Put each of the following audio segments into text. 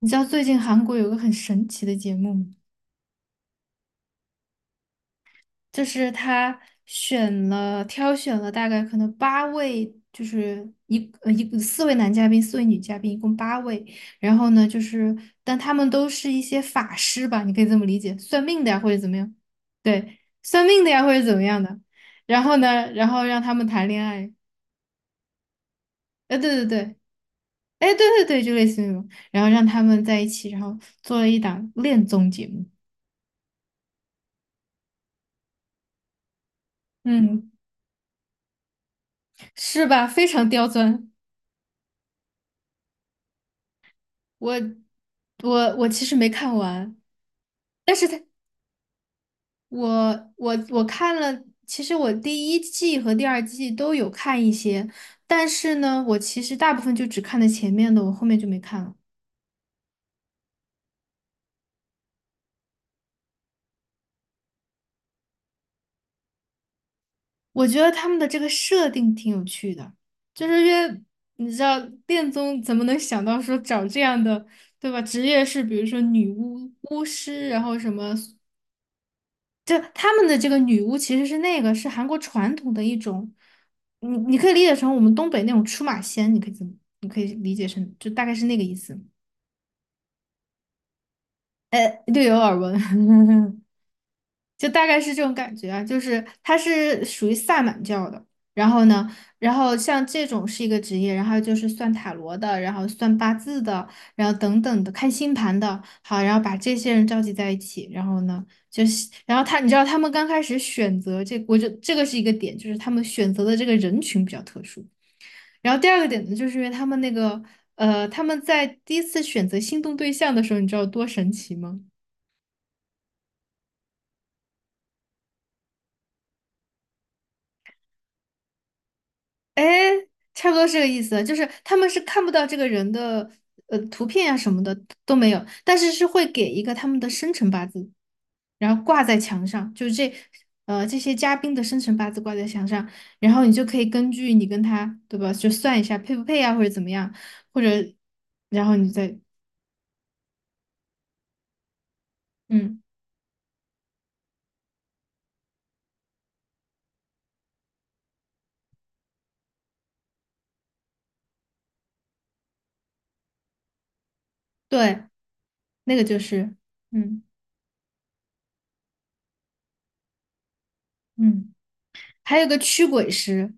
你知道最近韩国有个很神奇的节目吗，就是他挑选了大概可能八位，就是一呃一四位男嘉宾，四位女嘉宾，一共八位。然后呢，就是但他们都是一些法师吧，你可以这么理解，算命的呀或者怎么样，对，算命的呀或者怎么样的。然后呢，然后让他们谈恋爱，哎，对对对，哎，对对对，就类似于那种，然后让他们在一起，然后做了一档恋综节目。嗯，是吧？非常刁钻。我我其实没看完，但是他我看了，其实我第一季和第二季都有看一些，但是呢，我其实大部分就只看了前面的，我后面就没看了。我觉得他们的这个设定挺有趣的，就是因为你知道恋综怎么能想到说找这样的，对吧？职业是比如说女巫、巫师，然后什么就他们的这个女巫其实是那个是韩国传统的一种，你可以理解成我们东北那种出马仙，你可以怎么？你可以理解成就大概是那个意思。略有耳闻。就大概是这种感觉啊，就是他是属于萨满教的，然后呢，然后像这种是一个职业，然后就是算塔罗的，然后算八字的，然后等等的，看星盘的，好，然后把这些人召集在一起，然后呢，就是然后他，你知道他们刚开始选择这，我就这个是一个点，就是他们选择的这个人群比较特殊。然后第二个点呢，就是因为他们那个他们在第一次选择心动对象的时候，你知道有多神奇吗？哎。差不多是这个意思，就是他们是看不到这个人的图片啊什么的都没有，但是是会给一个他们的生辰八字，然后挂在墙上，这些嘉宾的生辰八字挂在墙上，然后你就可以根据你跟他对吧，就算一下配不配啊，或者怎么样，或者然后你再嗯对，那个就是嗯嗯，还有个驱鬼师，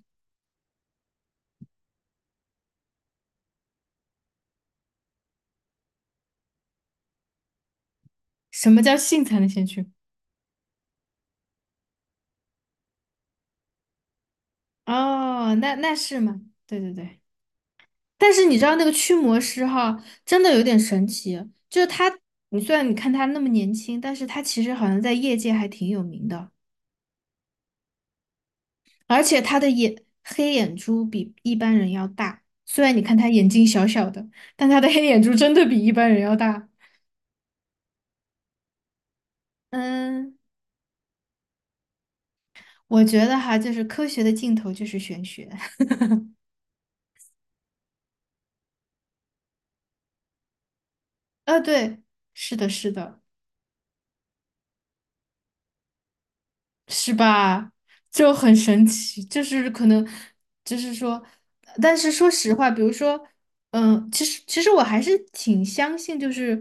什么叫性才能先驱？哦，那是吗？对对对。但是你知道那个驱魔师哈，真的有点神奇，就是他，虽然你看他那么年轻，但是他其实好像在业界还挺有名的，而且他的眼黑眼珠比一般人要大，虽然你看他眼睛小小的，但他的黑眼珠真的比一般人要大。嗯，我觉得哈，就是科学的尽头就是玄学。对，是的，是的。是吧？就很神奇，就是可能，就是说，但是说实话，比如说，嗯，其实我还是挺相信，就是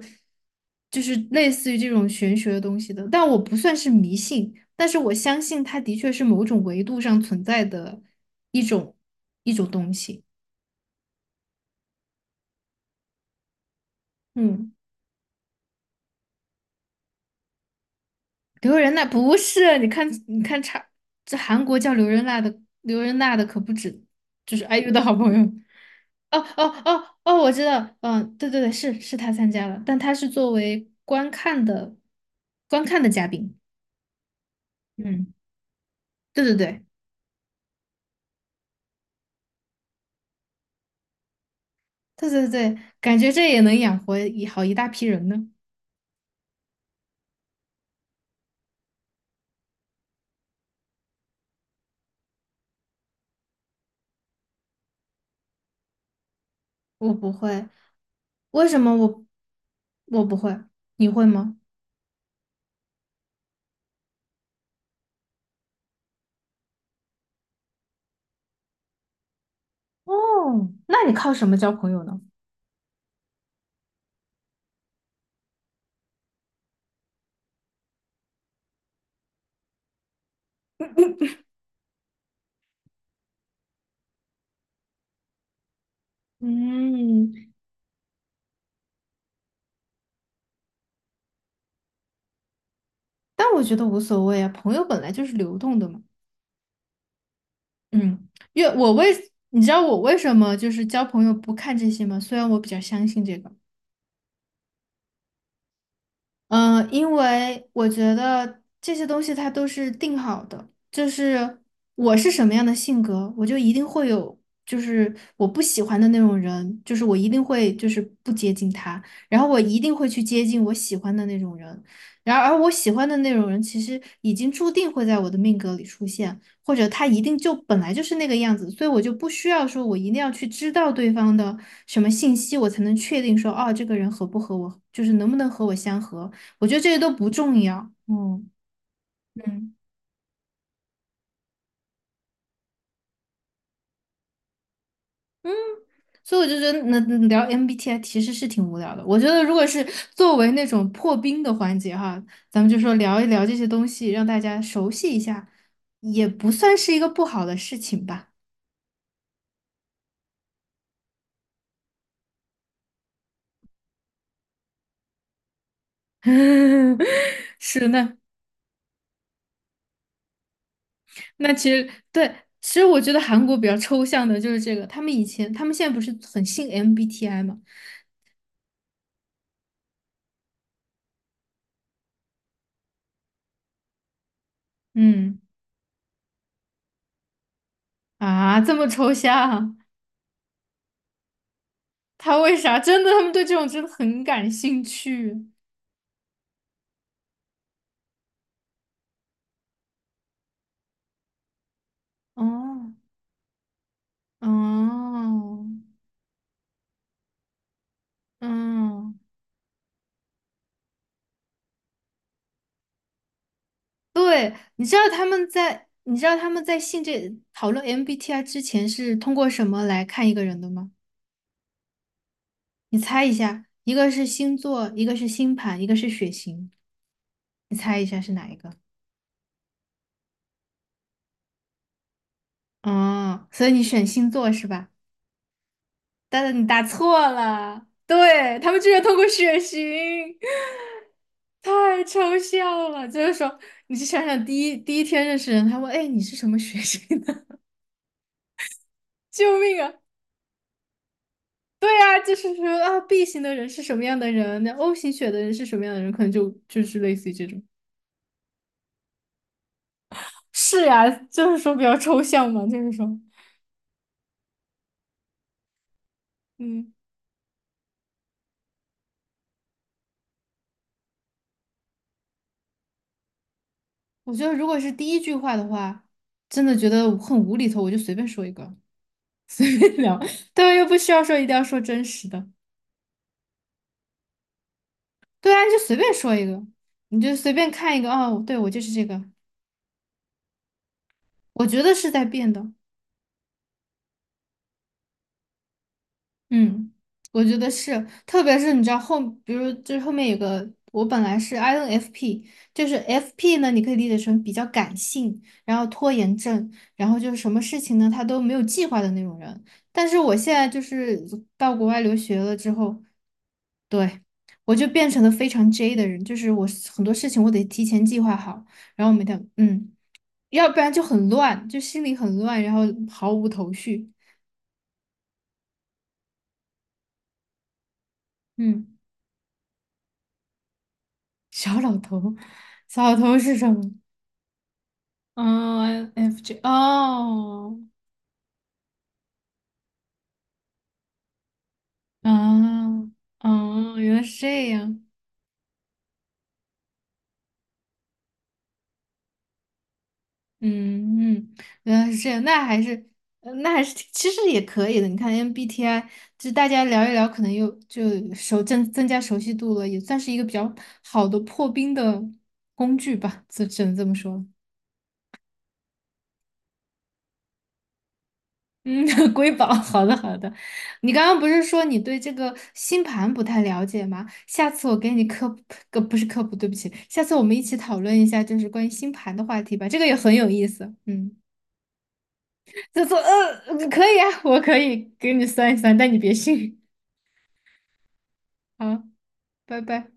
就是类似于这种玄学的东西的，但我不算是迷信，但是我相信它的确是某种维度上存在的一种一种东西。嗯，刘仁娜不是，你看你看差，这韩国叫刘仁娜的可不止，就是爱玉的好朋友。哦哦哦哦，我知道，嗯，对对对，是他参加了，但他是作为观看的嘉宾，嗯，对对对对对对，感觉这也能养活一好一大批人呢。我不会，为什么我我不会？你会吗？哦，那你靠什么交朋友呢？嗯，但我觉得无所谓啊，朋友本来就是流动的嘛。嗯，因为我为你知道我为什么就是交朋友不看这些吗？虽然我比较相信这个。嗯，因为我觉得这些东西它都是定好的，就是我是什么样的性格，我就一定会有，就是我不喜欢的那种人，就是我一定会就是不接近他，然后我一定会去接近我喜欢的那种人，然而我喜欢的那种人其实已经注定会在我的命格里出现，或者他一定就本来就是那个样子，所以我就不需要说我一定要去知道对方的什么信息，我才能确定说，哦，这个人合不合我，就是能不能和我相合。我觉得这些都不重要。嗯嗯，所以我就觉得那聊 MBTI 其实是挺无聊的。我觉得如果是作为那种破冰的环节哈，咱们就说聊一聊这些东西，让大家熟悉一下，也不算是一个不好的事情吧。是那那其实对，其实我觉得韩国比较抽象的就是这个，他们现在不是很信 MBTI 嘛？嗯啊，这么抽象，他为啥？真的，他们对这种真的很感兴趣。哦，哦，嗯，对，你知道他们在性这讨论 MBTI 之前是通过什么来看一个人的吗？你猜一下，一个是星座，一个是星盘，一个是血型，你猜一下是哪一个？哦，所以你选星座是吧？但是你答错了，对，他们居然通过血型。太抽象了，就是说，你去想想，第一天认识人，他问，哎，你是什么血型？救命啊！对啊，就是说啊，B 型的人是什么样的人，那 O 型血的人是什么样的人，可能就是类似于这种。是呀，就是说比较抽象嘛，就是说，嗯，我觉得如果是第一句话的话，真的觉得很无厘头，我就随便说一个，随便聊，对啊，又不需要说一定要说真实的，对啊，就随便说一个，你就随便看一个，哦，对，我就是这个，我觉得是在变的，嗯，我觉得是，特别是你知道后，比如就是后面有个，我本来是 INFP，就是 FP 呢，你可以理解成比较感性，然后拖延症，然后就是什么事情呢，他都没有计划的那种人。但是我现在就是到国外留学了之后，对，我就变成了非常 J 的人，就是我很多事情我得提前计划好，然后每天，嗯，要不然就很乱，就心里很乱，然后毫无头绪。嗯。小老头，小老头是什么？嗯，F J 哦，啊，哦，原来是这样，嗯嗯，原来是这样，那还是那还是挺其实也可以的。你看 MBTI，就大家聊一聊，可能又就增增加熟悉度了，也算是一个比较好的破冰的工具吧，只能这么说。嗯，瑰宝，好的好的。你刚刚不是说你对这个星盘不太了解吗？下次我给你科普，不是科普，对不起，下次我们一起讨论一下，就是关于星盘的话题吧，这个也很有意思。嗯，就说，可以啊，我可以给你算一算，但你别信。好，拜拜。